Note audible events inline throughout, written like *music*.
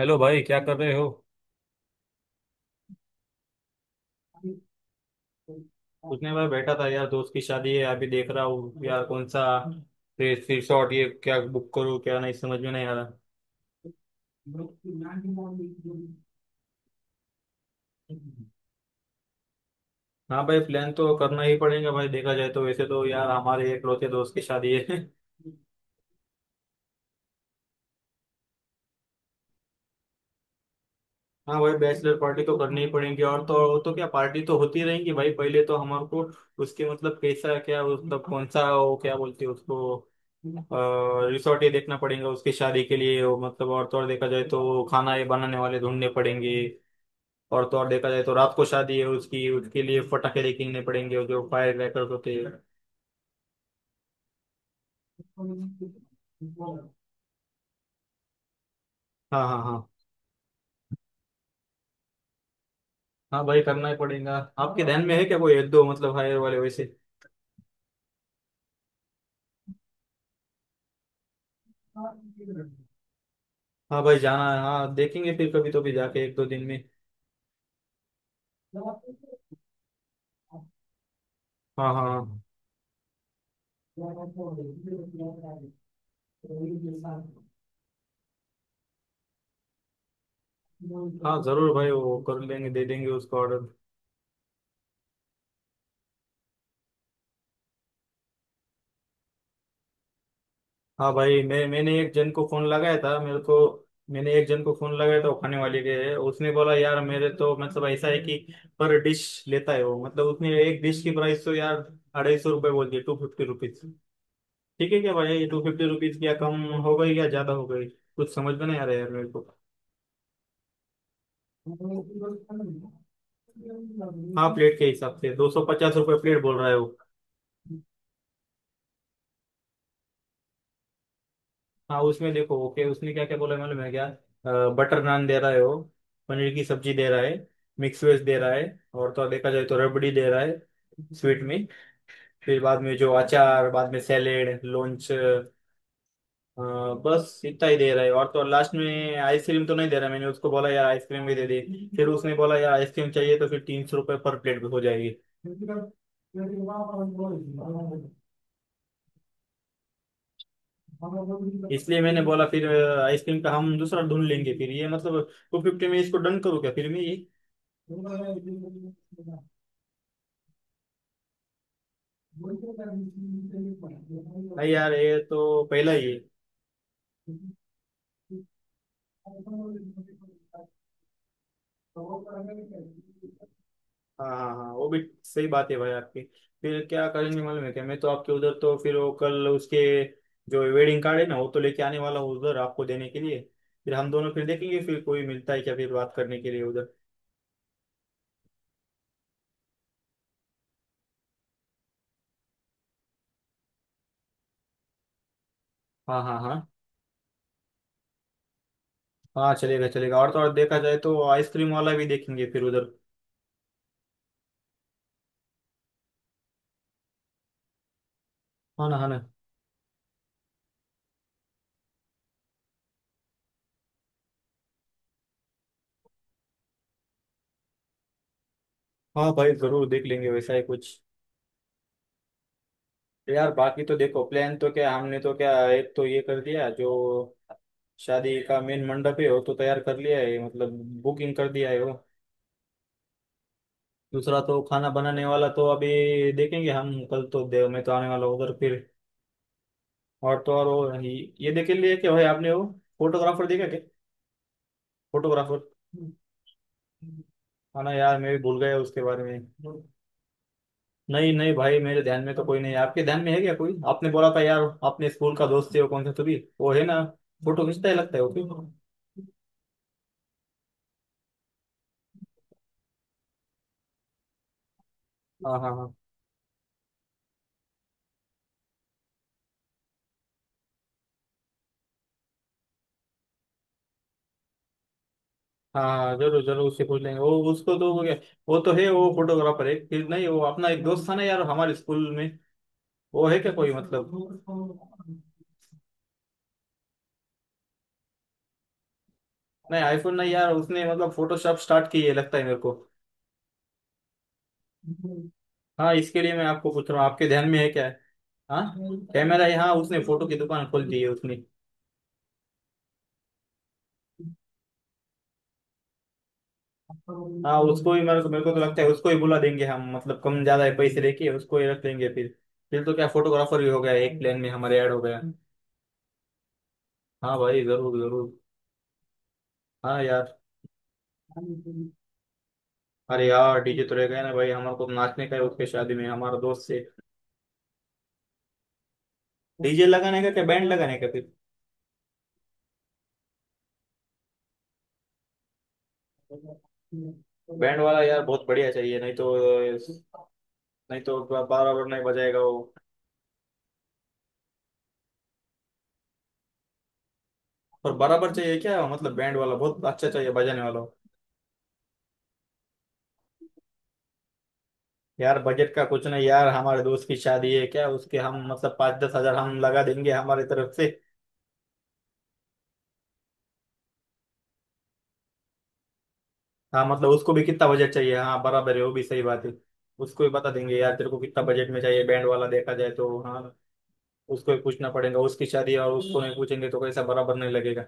Hello भाई, क्या कर रहे हो? कुछ नहीं भाई, बैठा था यार, दोस्त की शादी है, अभी देख रहा हूँ यार कौन सा रिसोर्ट ये क्या बुक करूँ क्या नहीं, समझ में नहीं आ रहा। हाँ भाई, प्लान तो करना ही पड़ेगा भाई, देखा जाए तो वैसे तो यार हमारे एकलौते दोस्त की शादी है *laughs* हाँ भाई, बैचलर पार्टी तो करनी ही पड़ेगी। और तो क्या, पार्टी तो होती रहेंगी भाई, पहले तो हमारे को उसके मतलब कैसा क्या मतलब कौन सा वो क्या बोलते हैं उसको रिसोर्ट ये देखना पड़ेगा उसकी शादी के लिए वो मतलब, और तो और देखा जाए तो खाना ये बनाने वाले ढूंढने पड़ेंगे। और तो और देखा जाए तो रात को शादी है उसकी, उसके लिए पटाखे लेके पड़ेंगे और जो फायर क्रैकर्स होते हैं। हाँ हाँ हाँ। हाँ भाई करना ही पड़ेगा, आपके ध्यान में है क्या कोई एक दो मतलब हायर वाले वैसे? हाँ भाई जाना है, हाँ देखेंगे फिर कभी तो भी जाके एक दो दिन में। हाँ हाँ हाँ, हाँ, जरूर भाई वो कर लेंगे दे देंगे उसको ऑर्डर। हाँ भाई मैंने एक जन को फोन लगाया था मेरे को। मैंने एक जन को फोन लगाया था, वो खाने वाले के है, उसने बोला यार मेरे तो मतलब ऐसा है कि पर डिश लेता है वो, मतलब उसने एक डिश की प्राइस तो यार ₹250 बोल दिए, ₹250। ठीक है क्या भाई, ₹250 क्या कम हो गई या ज्यादा हो गई? कुछ समझ में नहीं आ रहा है यार मेरे को। हाँ, प्लेट के हिसाब से ₹250 प्लेट बोल रहा है वो। हाँ उसमें देखो, ओके उसने क्या क्या बोला मालूम है क्या, बटर नान दे रहा है वो, पनीर की सब्जी दे रहा है, मिक्स वेज दे रहा है, और तो और देखा जाए तो रबड़ी दे रहा है स्वीट में। फिर बाद में जो अचार, बाद में सैलेड लॉन्च, बस इतना ही दे रहा है, और तो और लास्ट में आइसक्रीम तो नहीं दे रहा। मैंने उसको बोला यार आइसक्रीम भी दे दे, फिर उसने बोला यार आइसक्रीम चाहिए तो फिर ₹300 पर प्लेट हो जाएगी। इसलिए मैंने बोला फिर आइसक्रीम का हम दूसरा ढूंढ लेंगे, फिर ये मतलब 250 में इसको डन करूँ क्या फिर मैं ये? नहीं यार ये तो पहला ही है। हाँ हाँ हाँ, वो भी सही बात है भाई आपकी। फिर क्या करेंगे मालूम है क्या, मैं तो आपके उधर तो फिर वो कल उसके जो वेडिंग कार्ड है ना वो तो लेके आने वाला हूँ उधर आपको देने के लिए, फिर हम दोनों फिर देखेंगे फिर कोई मिलता है क्या फिर बात करने के लिए उधर। हाँ हाँ हाँ। हाँ चलेगा चलेगा, और तो और देखा जाए तो आइसक्रीम वाला भी देखेंगे फिर उधर। हाँ ना हाँ ना। हाँ भाई जरूर देख लेंगे वैसा ही कुछ। तो यार बाकी तो देखो प्लान तो क्या, हमने तो क्या एक तो ये कर दिया जो शादी का मेन मंडप है वो तो तैयार कर लिया है, मतलब बुकिंग कर दिया है वो। दूसरा तो खाना बनाने वाला तो अभी देखेंगे हम कल तो, देव मैं तो आने वाला हूँ उधर फिर। और तो और वो ये देख लिए क्या भाई आपने वो फोटोग्राफर देखा क्या? फोटोग्राफर। हाँ ना यार मैं भी भूल गया उसके बारे में। नहीं नहीं भाई मेरे ध्यान में तो कोई नहीं है, आपके ध्यान में है क्या कोई? आपने बोला था यार अपने स्कूल का दोस्त है, वो कौन सा तो भी वो है ना, फोटो खींचता है लगता है वो भी। हाँ हाँ हाँ। हाँ जरूर जरूर उससे पूछ लेंगे वो उसको, तो वो, क्या- वो तो है वो फोटोग्राफर है, फिर नहीं वो अपना एक दोस्त था ना यार हमारे स्कूल में, वो है क्या कोई मतलब। नहीं आईफोन नहीं, यार उसने मतलब फोटोशॉप स्टार्ट की है लगता है मेरे को। हाँ इसके लिए मैं आपको पूछ रहा हूँ, आपके ध्यान में है क्या? हाँ। कैमरा है हाँ, उसने फोटो की दुकान खोल दी है उसने। हाँ उसको ही, मेरे को तो लगता है उसको ही बुला देंगे हम, मतलब कम ज्यादा है पैसे लेके उसको ही रख लेंगे फिर। फिर तो क्या, फोटोग्राफर भी हो गया एक, प्लान में हमारे ऐड हो गया। हाँ भाई जरूर जरूर। हाँ यार। अरे यार डीजे तो रह गए ना भाई, हमारे को तो नाचने का है उसके शादी में हमारा दोस्त से। डीजे लगाने का क्या बैंड लगाने का फिर। बैंड वाला यार बहुत बढ़िया चाहिए, नहीं तो, नहीं तो बराबर नहीं बजाएगा वो। और बराबर चाहिए क्या, मतलब बैंड वाला बहुत अच्छा चाहिए बजाने वाला। यार बजट का कुछ नहीं यार, हमारे दोस्त की शादी है क्या उसके, हम मतलब 5-10 हजार हम लगा देंगे हमारी तरफ से। हाँ मतलब उसको भी कितना बजट चाहिए, हाँ बराबर है, वो भी सही बात है। उसको भी बता देंगे यार तेरे को कितना बजट में चाहिए बैंड वाला, देखा जाए तो हाँ। उसको ही पूछना पड़ेगा, उसकी शादी है और उसको नहीं पूछेंगे तो कैसा, बराबर नहीं लगेगा।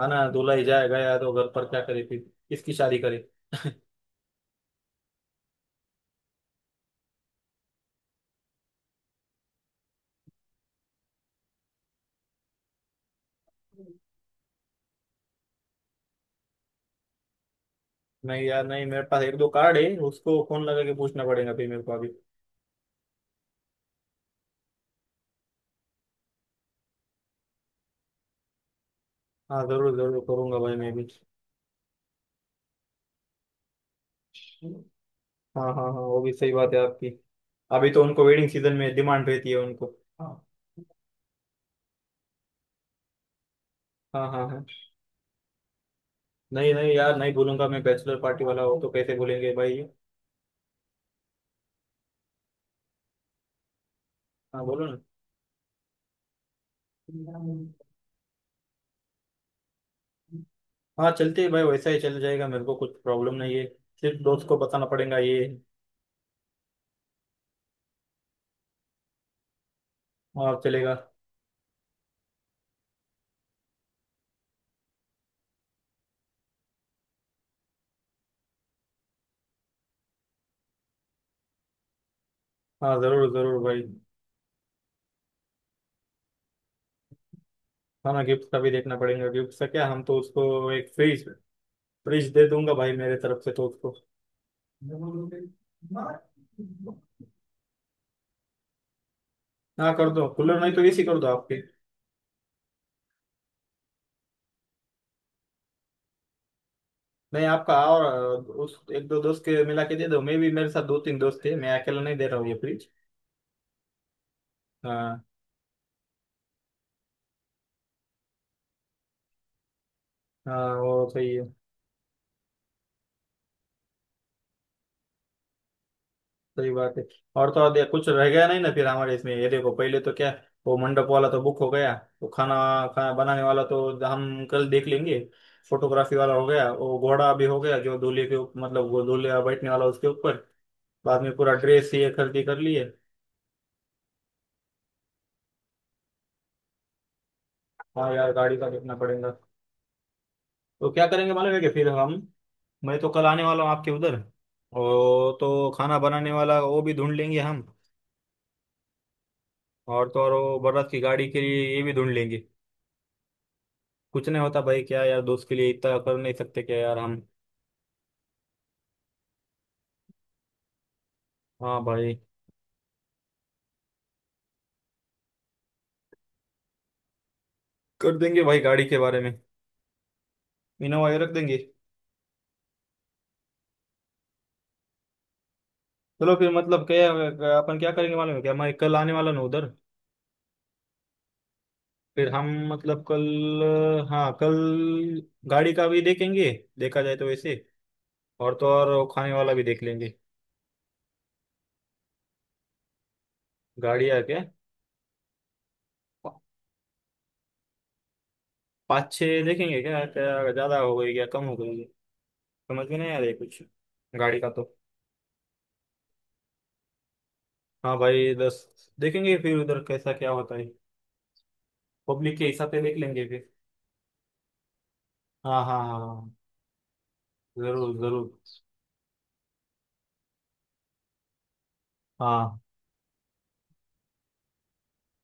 है ना, दूल्हा ही जाएगा यार तो घर पर क्या करे फिर, किसकी शादी करे? नहीं यार नहीं, मेरे पास एक दो कार्ड है, उसको फोन लगा के पूछना पड़ेगा फिर मेरे को अभी। हाँ जरूर जरूर करूंगा भाई मैं भी। हाँ हाँ हाँ, वो भी सही बात है आपकी। अभी तो उनको वेडिंग सीजन में डिमांड रहती है उनको। हाँ हाँ हाँ। नहीं नहीं यार नहीं भूलूंगा मैं, बैचलर पार्टी वाला हो तो कैसे भूलेंगे भाई। हाँ बोलो ना। हाँ चलते हैं भाई वैसा ही चल जाएगा, मेरे को कुछ प्रॉब्लम नहीं है, सिर्फ दोस्त को बताना पड़ेगा ये। और चलेगा। हाँ जरूर जरूर भाई। हमें गिफ्ट का भी देखना पड़ेगा, गिफ्ट का क्या हम तो उसको एक फ्रिज, फ्रिज दे दूंगा भाई मेरे तरफ से तो उसको। हाँ कर दो कूलर, नहीं तो एसी कर दो आपकी। नहीं आपका और उस एक दो दोस्त के मिला के दे दो, मैं भी मेरे साथ दो तीन दोस्त थे, मैं अकेला नहीं दे रहा हूँ ये फ्रिज। हाँ। हाँ वो सही है, सही बात है। और तो और देख, कुछ रह गया नहीं ना फिर हमारे इसमें, ये देखो पहले तो क्या, वो मंडप वाला तो बुक हो गया, वो खाना, खाना बनाने वाला तो हम कल देख लेंगे, फोटोग्राफी वाला हो गया, वो घोड़ा भी हो गया जो दूल्हे के ऊप- मतलब वो दूल्हे बैठने वाला उसके ऊपर, बाद में पूरा ड्रेस ये खरीदी कर लिए। हाँ यार गाड़ी का देखना पड़ेगा। तो क्या करेंगे मालूम है कि फिर हम, मैं तो कल आने वाला हूँ आपके उधर, और तो खाना बनाने वाला वो भी ढूंढ लेंगे हम, और तो और वो बारात की गाड़ी के लिए ये भी ढूंढ लेंगे। कुछ नहीं होता भाई क्या, यार दोस्त के लिए इतना कर नहीं सकते क्या यार हम। हाँ भाई। कर देंगे भाई गाड़ी के बारे में। इनोवा ही रख देंगे। चलो फिर मतलब क्या, अपन क्या करेंगे मालूम है क्या, मैं कल आने वाला ना उधर, फिर हम मतलब कल, हाँ कल गाड़ी का भी देखेंगे, देखा जाए तो वैसे, और तो और वो खाने वाला भी देख लेंगे। गाड़ियाँ क्या, पा- पाँच छः देखेंगे क्या, क्या ज़्यादा हो गई क्या कम हो गई, समझ में नहीं आ रही कुछ गाड़ी का तो। हाँ भाई 10 देखेंगे फिर उधर कैसा क्या होता है, पब्लिक के हिसाब से देख लेंगे फिर। हाँ हाँ हाँ हाँ, हाँ, जरूर जरूर। हाँ।